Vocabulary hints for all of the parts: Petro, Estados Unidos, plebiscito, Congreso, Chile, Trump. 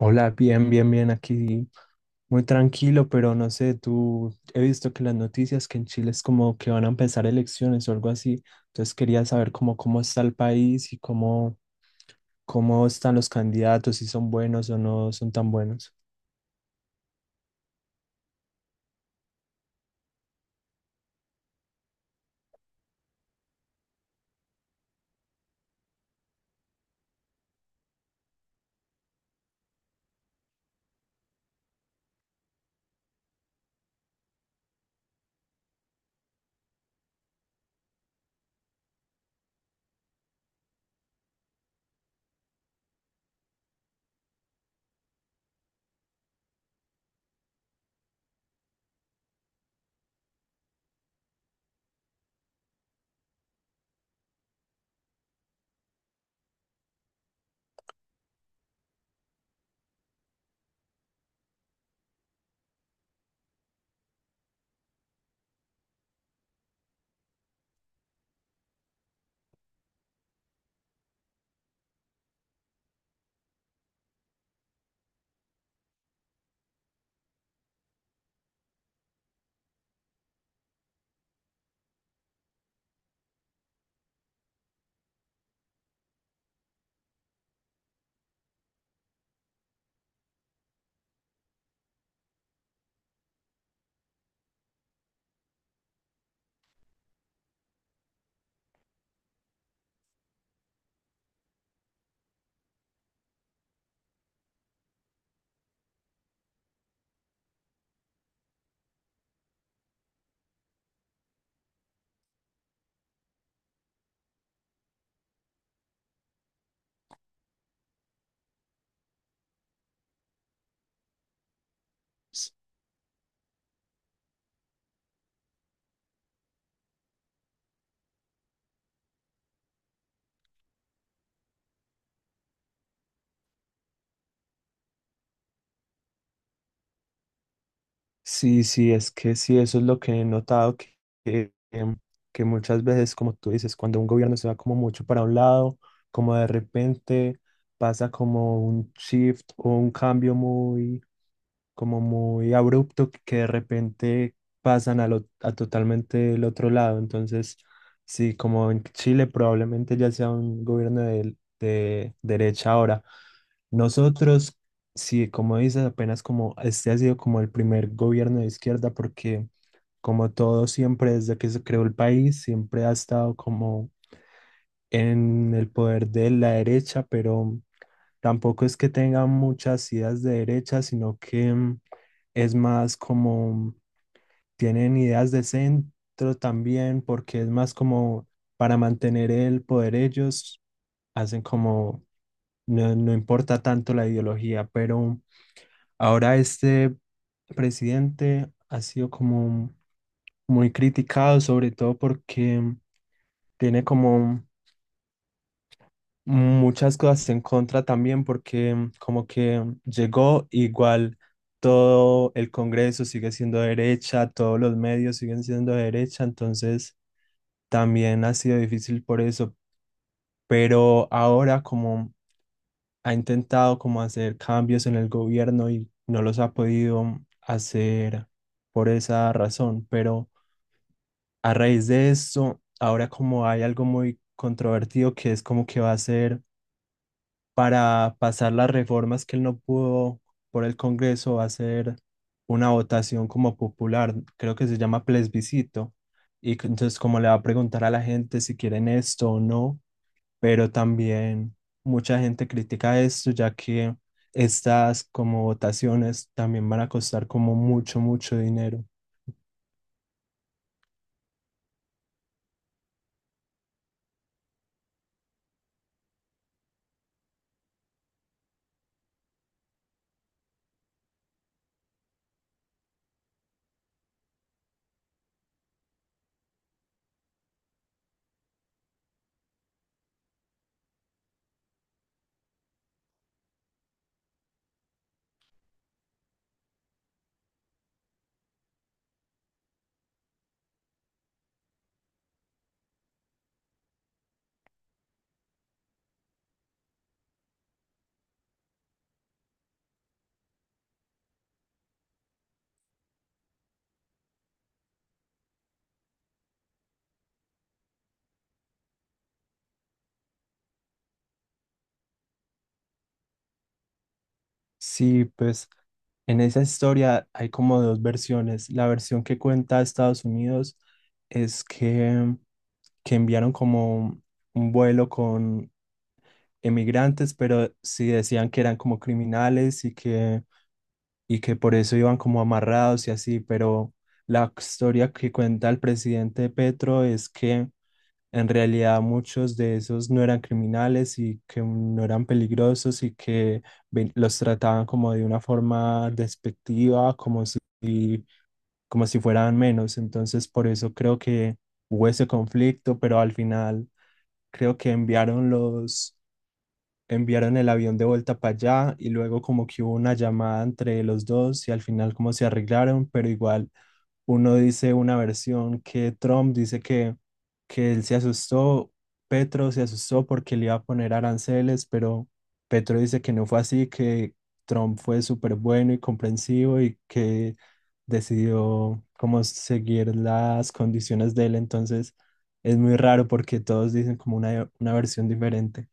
Hola, bien, bien, bien, aquí muy tranquilo, pero no sé, tú he visto que las noticias que en Chile es como que van a empezar elecciones o algo así, entonces quería saber cómo, cómo está el país y cómo, cómo están los candidatos, si son buenos o no son tan buenos. S- Sí, sí, es que sí, eso es lo que he notado, que, em, que muchas veces, como tú dices, cuando un gobierno se va como mucho para un lado, como de repente pasa como un shift o un cambio muy como muy abrupto que de repente pasan a, a totalmente el otro lado. Entonces, sí, como en Chile probablemente ya sea un gobierno de derecha ahora. Nosotros, sí, como dices, apenas como este ha sido como el primer gobierno de izquierda porque como todo siempre desde que se creó el país, siempre ha estado como en el poder de la derecha, pero tampoco es que tenga muchas ideas de derecha, sino que... es más como, tienen ideas de centro también, porque es más como para mantener el poder ellos, hacen como, no, no importa tanto la ideología, pero ahora este presidente ha sido como muy criticado, sobre todo porque tiene como muchas cosas en contra también porque como que llegó igual todo el Congreso sigue siendo de derecha, todos los medios siguen siendo de derecha, entonces también ha sido difícil por eso, pero ahora como ha intentado como hacer cambios en el gobierno y no los ha podido hacer por esa razón, pero a raíz de eso, ahora como hay algo muy controvertido que es como que va a ser para pasar las reformas que él no pudo por el Congreso hacer una votación como popular, creo que se llama plebiscito, y que entonces como le va a preguntar a la gente si quieren esto o no, pero también mucha gente critica esto ya que estas como votaciones también van a costar como mucho, mucho dinero. Sí, pues en esa historia hay como dos versiones. La versión que cuenta Estados Unidos es que enviaron como un vuelo con emigrantes, pero sí decían que eran como criminales y que por eso iban como amarrados y así, pero la historia que cuenta el presidente Petro es que en realidad muchos de esos no eran criminales y que no eran peligrosos y que los trataban como de una forma despectiva, como si fueran menos. Entonces, por eso creo que hubo ese conflicto, pero al final creo que enviaron el avión de vuelta para allá y luego como que hubo una llamada entre los dos y al final como se arreglaron, pero igual uno dice una versión que Trump dice que él se asustó, Petro se asustó porque le iba a poner aranceles, pero Petro dice que no fue así, que Trump fue súper bueno y comprensivo y que decidió como seguir las condiciones de él, entonces... Es muy raro porque todos dicen como una versión diferente.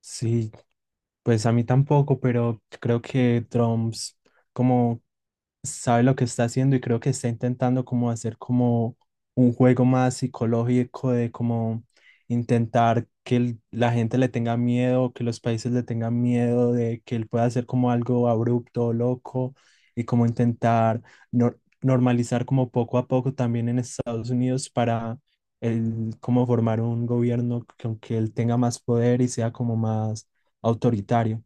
Sí, pues a mí tampoco, pero creo que Drums como sabe lo que está haciendo y creo que está intentando como hacer como un juego más psicológico de como intentar que la gente le tenga miedo, que los países le tengan miedo de que él pueda hacer como algo abrupto, loco y como intentar normalizar como poco a poco también en Estados Unidos para él como formar un gobierno que, aunque él tenga más poder y sea como más autoritario.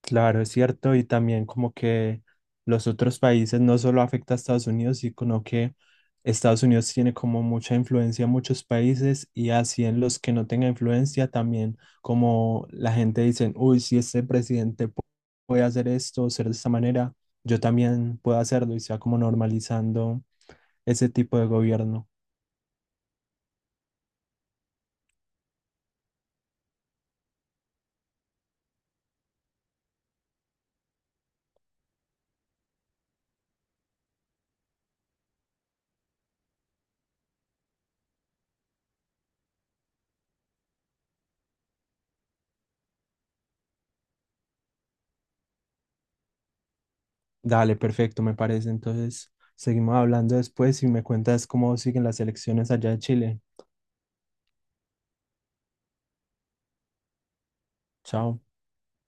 Claro, es cierto, y también como que los otros países no solo afecta a Estados Unidos, sino que Estados Unidos tiene como mucha influencia en muchos países y así en los que no tenga influencia también como la gente dice, uy, si este presidente puede hacer esto, ser de esta manera, yo también puedo hacerlo y se va como normalizando ese tipo de gobierno. Dale, perfecto, me parece. Entonces, seguimos hablando después y me cuentas cómo siguen las elecciones allá de Chile. Chao.